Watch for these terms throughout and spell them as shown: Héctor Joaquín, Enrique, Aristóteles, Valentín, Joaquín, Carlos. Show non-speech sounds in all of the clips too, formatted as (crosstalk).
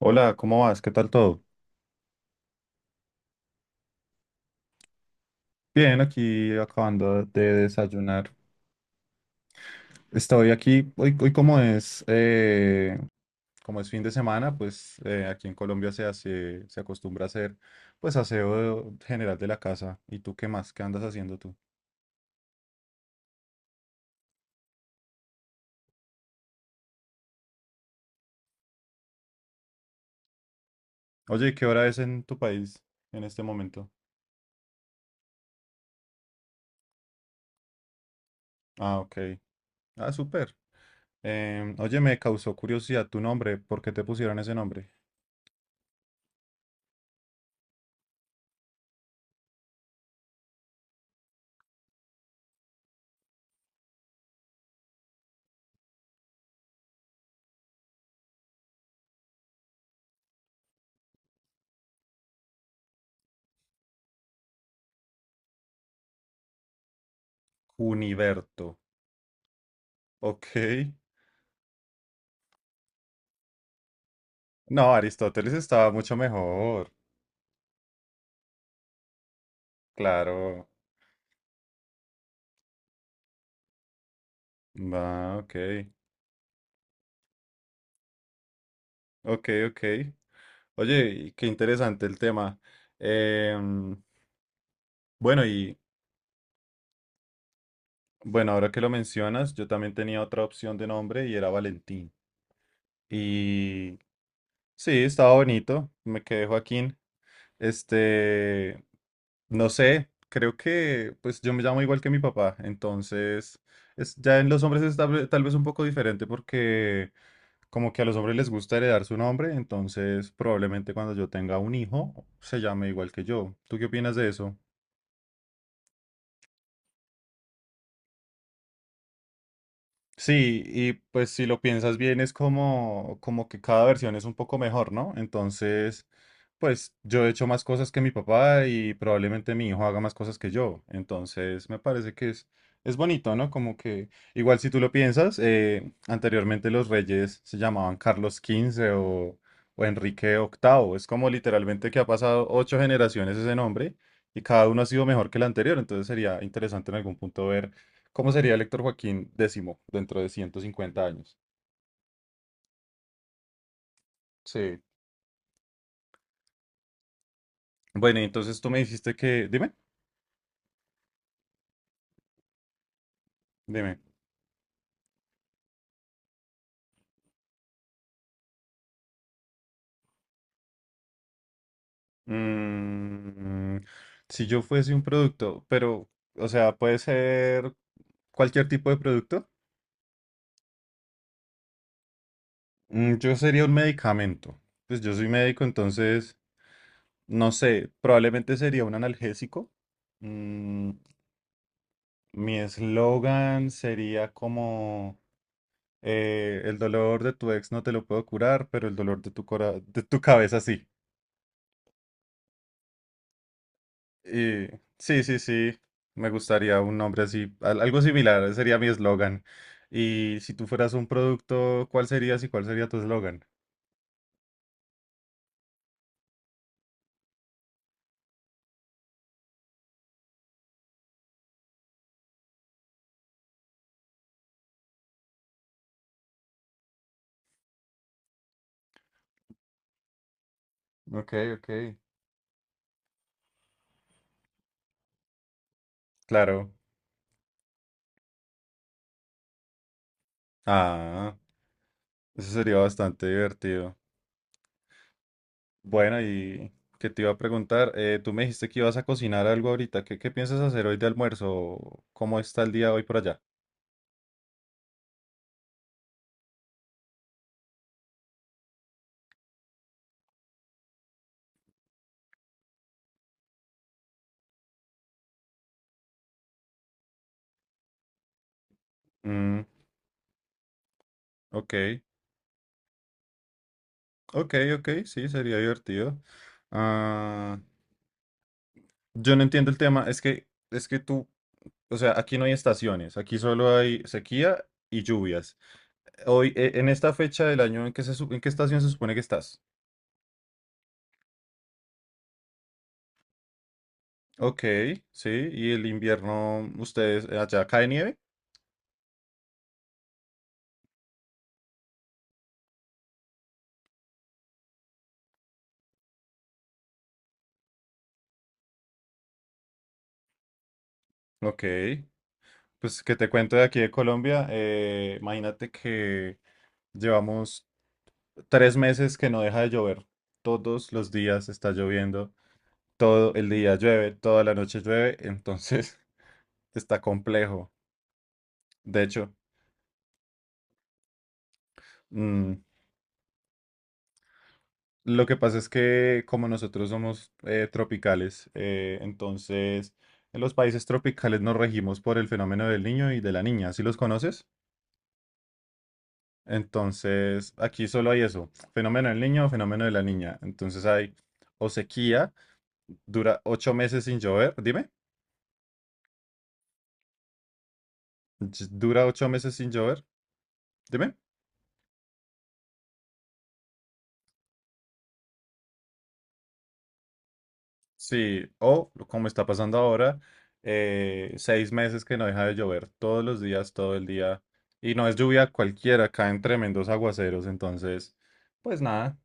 Hola, ¿cómo vas? ¿Qué tal todo? Bien, aquí acabando de desayunar. Estoy aquí, hoy, hoy, como es fin de semana, pues aquí en Colombia se hace, se acostumbra a hacer pues aseo general de la casa. ¿Y tú qué más? ¿Qué andas haciendo tú? Oye, ¿qué hora es en tu país en este momento? Ah, ok. Ah, súper. Oye, me causó curiosidad tu nombre. ¿Por qué te pusieron ese nombre? Juniberto. Ok. No, Aristóteles estaba mucho mejor. Claro. Va, ok. Ok, ok. Oye, y qué interesante el tema. Em, bueno, y bueno, ahora que lo mencionas, yo también tenía otra opción de nombre y era Valentín. Y sí, estaba bonito. Me quedé Joaquín. Este, no sé, creo que pues yo me llamo igual que mi papá. Entonces, es, ya en los hombres es tal vez un poco diferente porque como que a los hombres les gusta heredar su nombre, entonces probablemente cuando yo tenga un hijo se llame igual que yo. ¿Tú qué opinas de eso? Sí, y pues si lo piensas bien es como, como que cada versión es un poco mejor, ¿no? Entonces, pues yo he hecho más cosas que mi papá y probablemente mi hijo haga más cosas que yo. Entonces, me parece que es bonito, ¿no? Como que igual si tú lo piensas, anteriormente los reyes se llamaban Carlos XV o Enrique VIII. Es como literalmente que ha pasado 8 generaciones ese nombre y cada uno ha sido mejor que el anterior. Entonces sería interesante en algún punto ver ¿cómo sería el Héctor Joaquín X dentro de 150 años? Sí. Bueno, y entonces tú me dijiste que, dime, dime, mm, si yo fuese un producto, pero, o sea, puede ser cualquier tipo de producto, mm, yo sería un medicamento. Pues yo soy médico, entonces, no sé, probablemente sería un analgésico. Mm, mi eslogan sería como, el dolor de tu ex no te lo puedo curar, pero el dolor de tu de tu cabeza sí. Y sí, sí, sí, me gustaría un nombre así, algo similar, ese sería mi eslogan. Y si tú fueras un producto, ¿cuál serías y cuál sería tu eslogan? Ok, ok. Claro. Ah, eso sería bastante divertido. Bueno, y que te iba a preguntar, eh, tú me dijiste que ibas a cocinar algo ahorita. ¿Qué, qué piensas hacer hoy de almuerzo? ¿Cómo está el día hoy por allá? Mm, ok, ok, ok, sí, sería divertido. Ah, yo no entiendo el tema. Es que tú, o sea, aquí no hay estaciones, aquí solo hay sequía y lluvias. Hoy, en esta fecha del año, ¿en qué en qué estación se supone que estás? Ok, sí, y el invierno, ¿ustedes allá cae nieve? Ok, pues que te cuento de aquí de Colombia, imagínate que llevamos 3 meses que no deja de llover. Todos los días está lloviendo, todo el día llueve, toda la noche llueve, entonces (laughs) está complejo. De hecho. Mm, lo que pasa es que como nosotros somos tropicales, entonces en los países tropicales nos regimos por el fenómeno del niño y de la niña, ¿sí los conoces? Entonces aquí solo hay eso, fenómeno del niño o fenómeno de la niña. Entonces hay o sequía, dura 8 meses sin llover, dime, dura 8 meses sin llover, dime. Sí, o como está pasando ahora, 6 meses que no deja de llover todos los días, todo el día, y no es lluvia cualquiera, caen tremendos aguaceros, entonces, pues nada,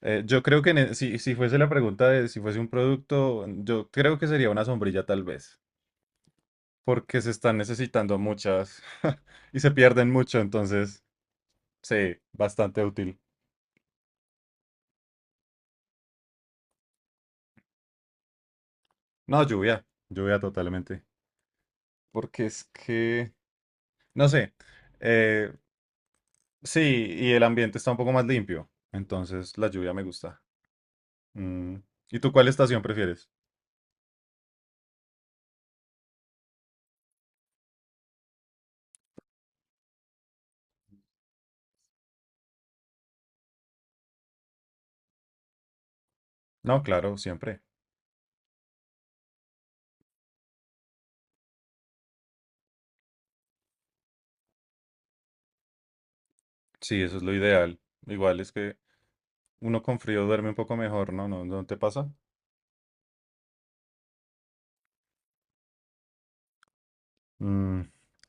yo creo que si, si fuese la pregunta de si fuese un producto, yo creo que sería una sombrilla tal vez, porque se están necesitando muchas (laughs) y se pierden mucho, entonces, sí, bastante útil. No, lluvia, lluvia totalmente, porque es que, no sé. eh, Sí, y el ambiente está un poco más limpio, entonces la lluvia me gusta. Mm, ¿y tú cuál estación prefieres? No, claro, siempre. Sí, eso es lo ideal. Igual es que uno con frío duerme un poco mejor, ¿no? ¿No, no te pasa? Mm,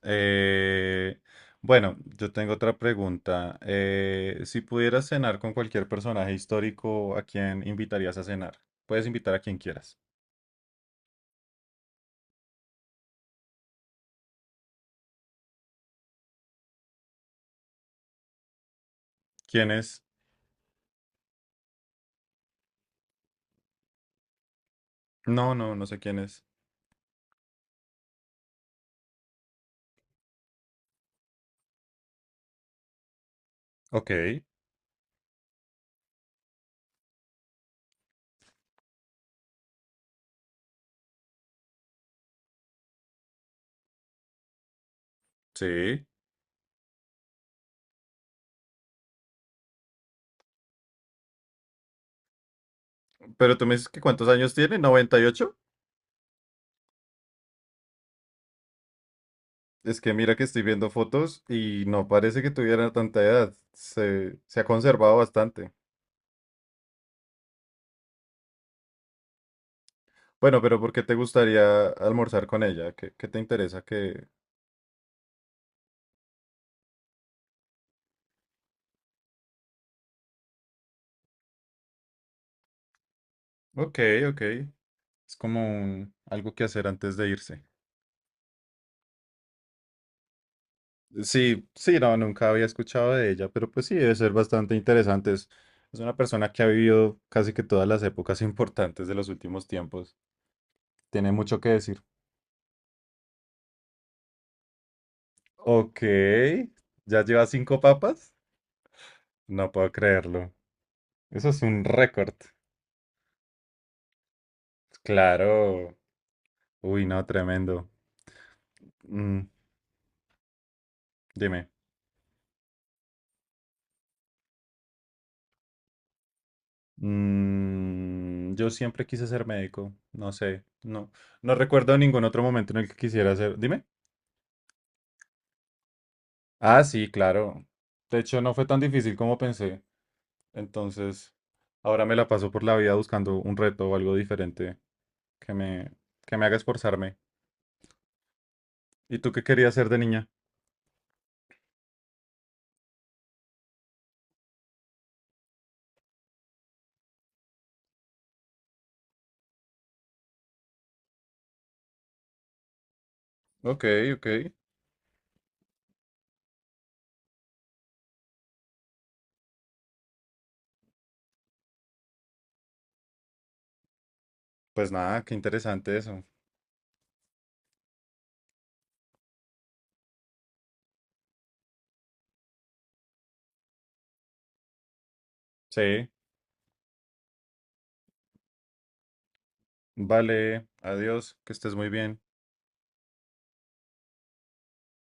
eh, bueno, yo tengo otra pregunta. Si pudieras cenar con cualquier personaje histórico, ¿a quién invitarías a cenar? Puedes invitar a quien quieras. ¿Quién es? No, no, no sé quién es. Ok, sí. Pero tú me dices que ¿cuántos años tiene? 98. Es que mira que estoy viendo fotos y no parece que tuviera tanta edad. Se ha conservado bastante. Bueno, pero ¿por qué te gustaría almorzar con ella? ¿Qué, qué te interesa que... Ok, ok. Es como algo que hacer antes de irse. Sí, sí, no, nunca había escuchado de ella, pero pues sí, debe ser bastante interesante. Es una persona que ha vivido casi que todas las épocas (laughs) importantes de los últimos tiempos. Tiene mucho que decir. Ok, ¿ya lleva 5 papas? No puedo creerlo. Eso es un récord. Claro. Uy, no, tremendo. Mm, dime. Mm, yo siempre quise ser médico. No sé. No, no recuerdo ningún otro momento en el que quisiera ser. Dime. Ah, sí, claro. De hecho, no fue tan difícil como pensé. Entonces, ahora me la paso por la vida buscando un reto o algo diferente que me, que me haga esforzarme. ¿Y tú qué querías ser de niña? Ok, ok. Pues nada, qué interesante eso. Sí. Vale, adiós, que estés muy bien.